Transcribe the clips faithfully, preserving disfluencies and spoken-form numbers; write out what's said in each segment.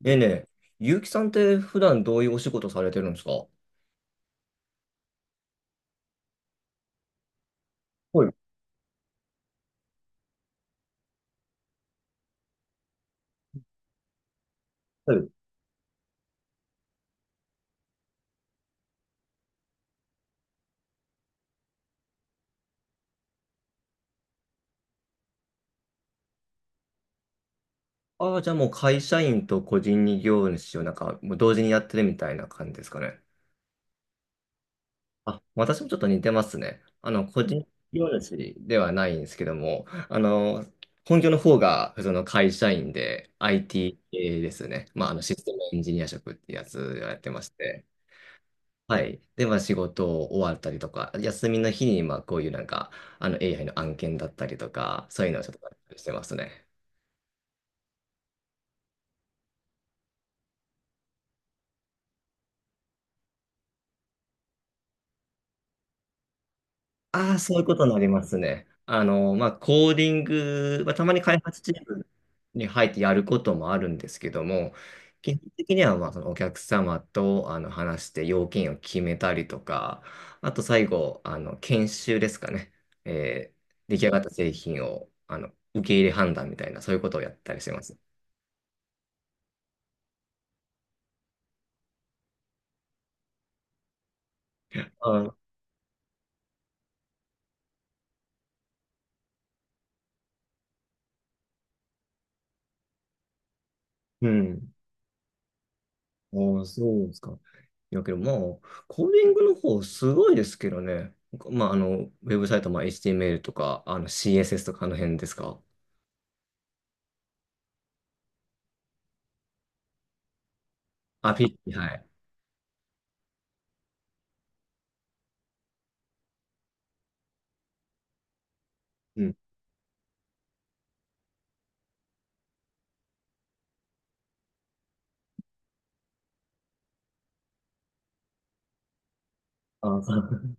でね、結城さんって普段どういうお仕事されてるんですか？はい。はい。ああ、じゃあもう会社員と個人事業主をなんかもう同時にやってるみたいな感じですかね。あ、私もちょっと似てますね。あの、個人事業主ではないんですけども、あの、本業の方が普通の会社員で アイティー 系ですね。まあ、あのシステムエンジニア職ってやつをやってまして。はい。で、まあ仕事終わったりとか、休みの日にまあこういうなんか、あの エーアイ の案件だったりとか、そういうのをちょっとしてますね。ああ、そういうことになりますね。あの、まあコーディング、まあ、たまに開発チームに入ってやることもあるんですけども、基本的にはまあそのお客様とあの話して要件を決めたりとか、あと最後、あの研修ですかね。えー出来上がった製品をあの受け入れ判断みたいな、そういうことをやったりしてます。うん。ああ、そうですか。いやけど、まあ、コーディングの方すごいですけどね。まあ、あの、ウェブサイト、まあ、エイチティーエムエル とか、あの、シーエスエス とかあの辺ですか。あ、PHP、はい。うん。あ、そう、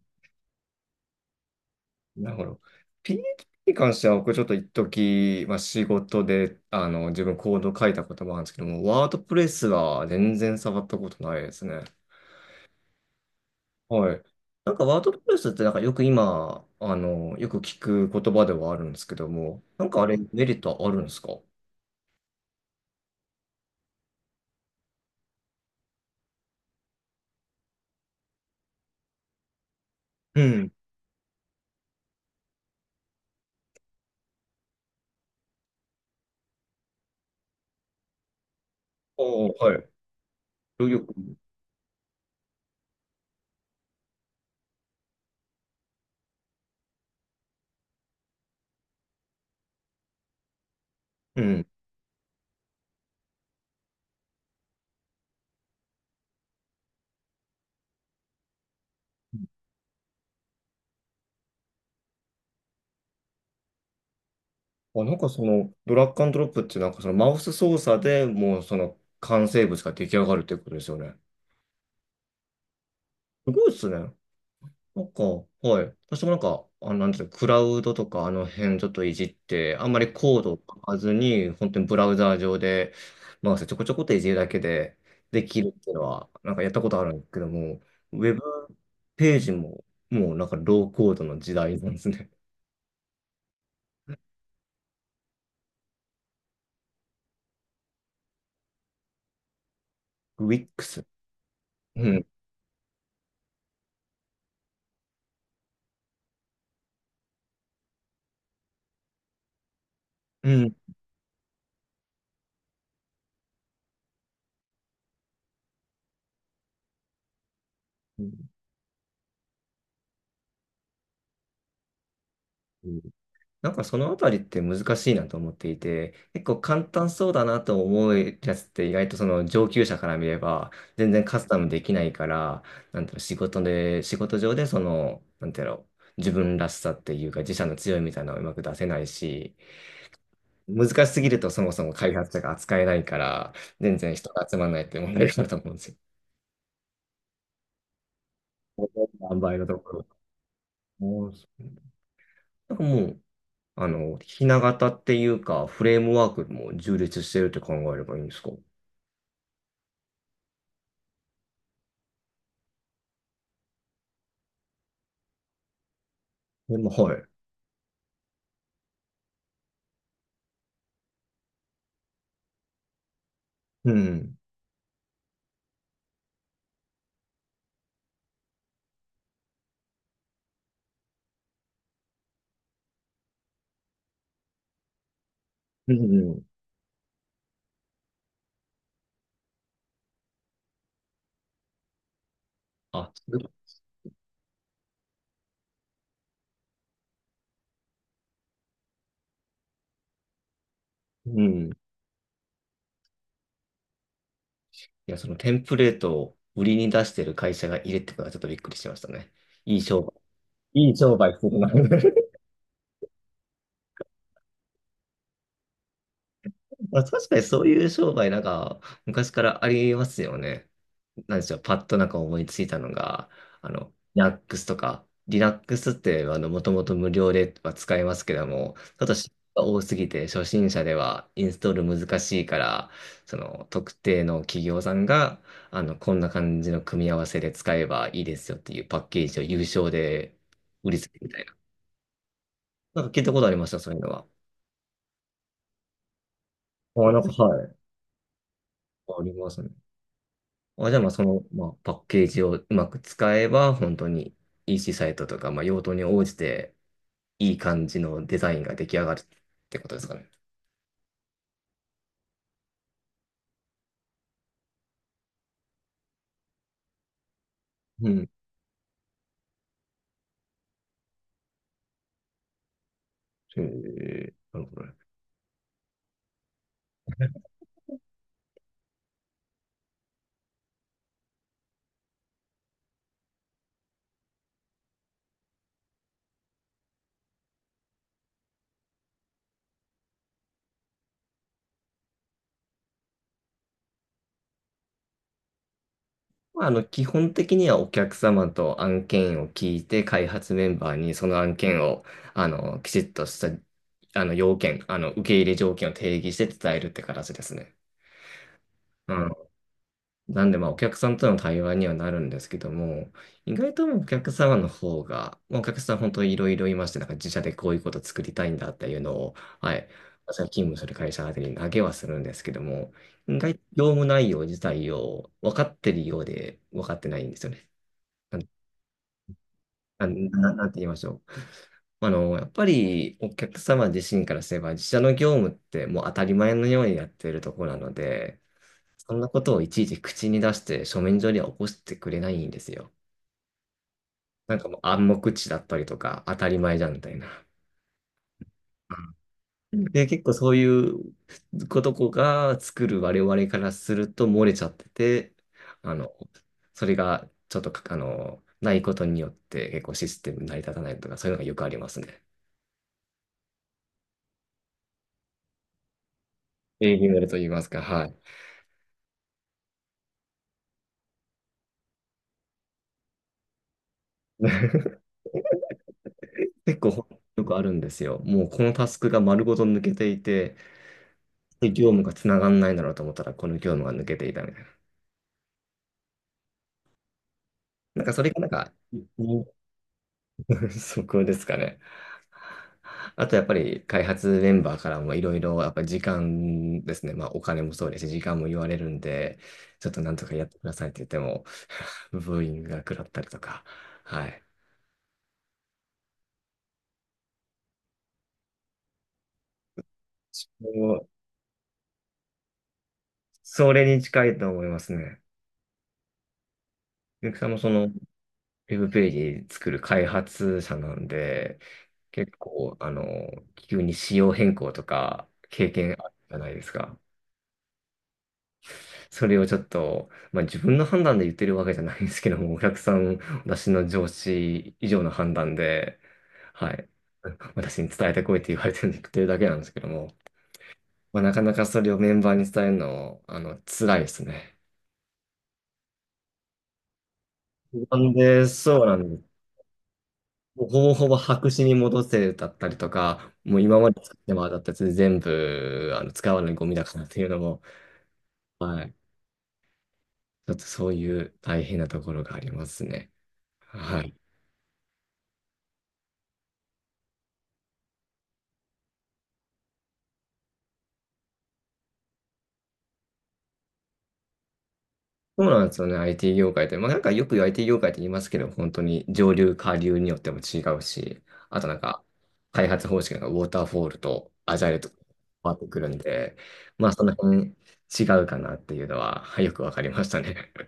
なるほど。ピーエイチピー に関しては、僕ちょっと一時、まあ、仕事で、あの、自分コード書いたこともあるんですけども、ワードプレスは全然触ったことないですね。はい。なんかワードプレスってなんかよく今、あの、よく聞く言葉ではあるんですけども、なんかあれメリットはあるんですか？うん。ああ、はい。ロイド君。うん。あ、なんかその、ドラッグアンドロップってなんかそのマウス操作でもうその完成物が出来上がるってことですよね。すごいですね。なんか、はい。私もなんか、あ、なんていうの、クラウドとかあの辺ちょっといじって、あんまりコードを書かずに、本当にブラウザー上でマウスちょこちょこっといじるだけでできるっていうのは、なんかやったことあるんですけども、ウェブページももうなんかローコードの時代なんですね。ウィックス。うん。うんうん。なんかそのあたりって難しいなと思っていて、結構簡単そうだなと思うやつって意外とその上級者から見れば全然カスタムできないから、なんていうの、仕事で、仕事上でその、なんていうの、自分らしさっていうか自社の強いみたいなのをうまく出せないし、難しすぎるとそもそも開発者が扱えないから、全然人が集まらないって問題があると思うんですよ。塩梅のところ。もうなんかもう、あの、ひな型っていうか、フレームワークも充実してるって考えればいいんですか？でも、はい。うん。うんうん。あ、うん。いや、そのテンプレートを売りに出してる会社がいるってことはちょっとびっくりしましたね。いい商売。いい商売するな。まあ、確かにそういう商売なんか昔からありますよね。なんでしょう、パッとなんか思いついたのが、あの、Linux とか、Linux ってあの、もともと無料では使えますけども、ちょっと知識が多すぎて初心者ではインストール難しいから、その特定の企業さんが、あの、こんな感じの組み合わせで使えばいいですよっていうパッケージを有償で売りつけるみたいな。なんか聞いたことありました、そういうのは。あ、なんか、はい。ありますね。あ、じゃあ、まあ、その、まあ、パッケージをうまく使えば、本当に イーシー サイトとか、まあ、用途に応じて、いい感じのデザインが出来上がるってことですかね。うん。へえ、なるほどね。まあ、あの、基本的にはお客様と案件を聞いて、開発メンバーにその案件を、あの、きちっとした、あの、要件、あの、受け入れ条件を定義して伝えるって形ですね。うん。なんで、まあ、お客さんとの対話にはなるんですけども、意外とお客様の方が、まあお客さん本当にいろいろいまして、なんか自社でこういうこと作りたいんだっていうのを、はい、私が勤務する会社宛てに投げはするんですけども、意外と業務内容自体を分かってるようで分かってないんですよね。なん、なん、なんて言いましょう。あの、やっぱりお客様自身からすれば、自社の業務ってもう当たり前のようにやっているところなので、そんなことをいちいち口に出して書面上には起こしてくれないんですよ。なんかもう暗黙知だったりとか当たり前じゃんみたいな。うん。で、結構そういうことこが作る我々からすると漏れちゃってて、あの、それがちょっとか、あの、ないことによって結構システム成り立たないとかそういうのがよくありますね。営業になると言いますか、はい。結構よくあるんですよ。もうこのタスクが丸ごと抜けていて、で業務がつながんないだろうと思ったらこの業務が抜けていたみたいな。なんかそれがなんか、うん。 そこですかね。あとやっぱり開発メンバーからもいろいろやっぱり時間ですね。まあお金もそうですし、時間も言われるんで、ちょっとなんとかやってくださいって言っても、ブーイングが食らったりとか。はい。そう、それに近いと思いますね。ゆきさんもそのウェブページ作る開発者なんで、結構あの、急に仕様変更とか経験あるじゃないですか。それをちょっと、まあ、自分の判断で言ってるわけじゃないんですけども、お客さん、私の上司以上の判断で、はい、私に伝えてこいって言われてるだけなんですけども、まあ、なかなかそれをメンバーに伝えるの、あの、辛いですね。なんで、そうなんです。もうほぼほぼ白紙に戻せだったりとか、もう今まで作ってもらったやつ全部、あの、使わないゴミだからっていうのも、はい、ちょっとそういう大変なところがありますね。はい。そうなんですよね、アイティー 業界って。まあ、なんかよく アイティー 業界って言いますけど、本当に上流、下流によっても違うし、あとなんか、開発方式がウォーターフォールとアジャイルと変わってくるんで、まあ、その辺違うかなっていうのは、はいよくわかりましたね。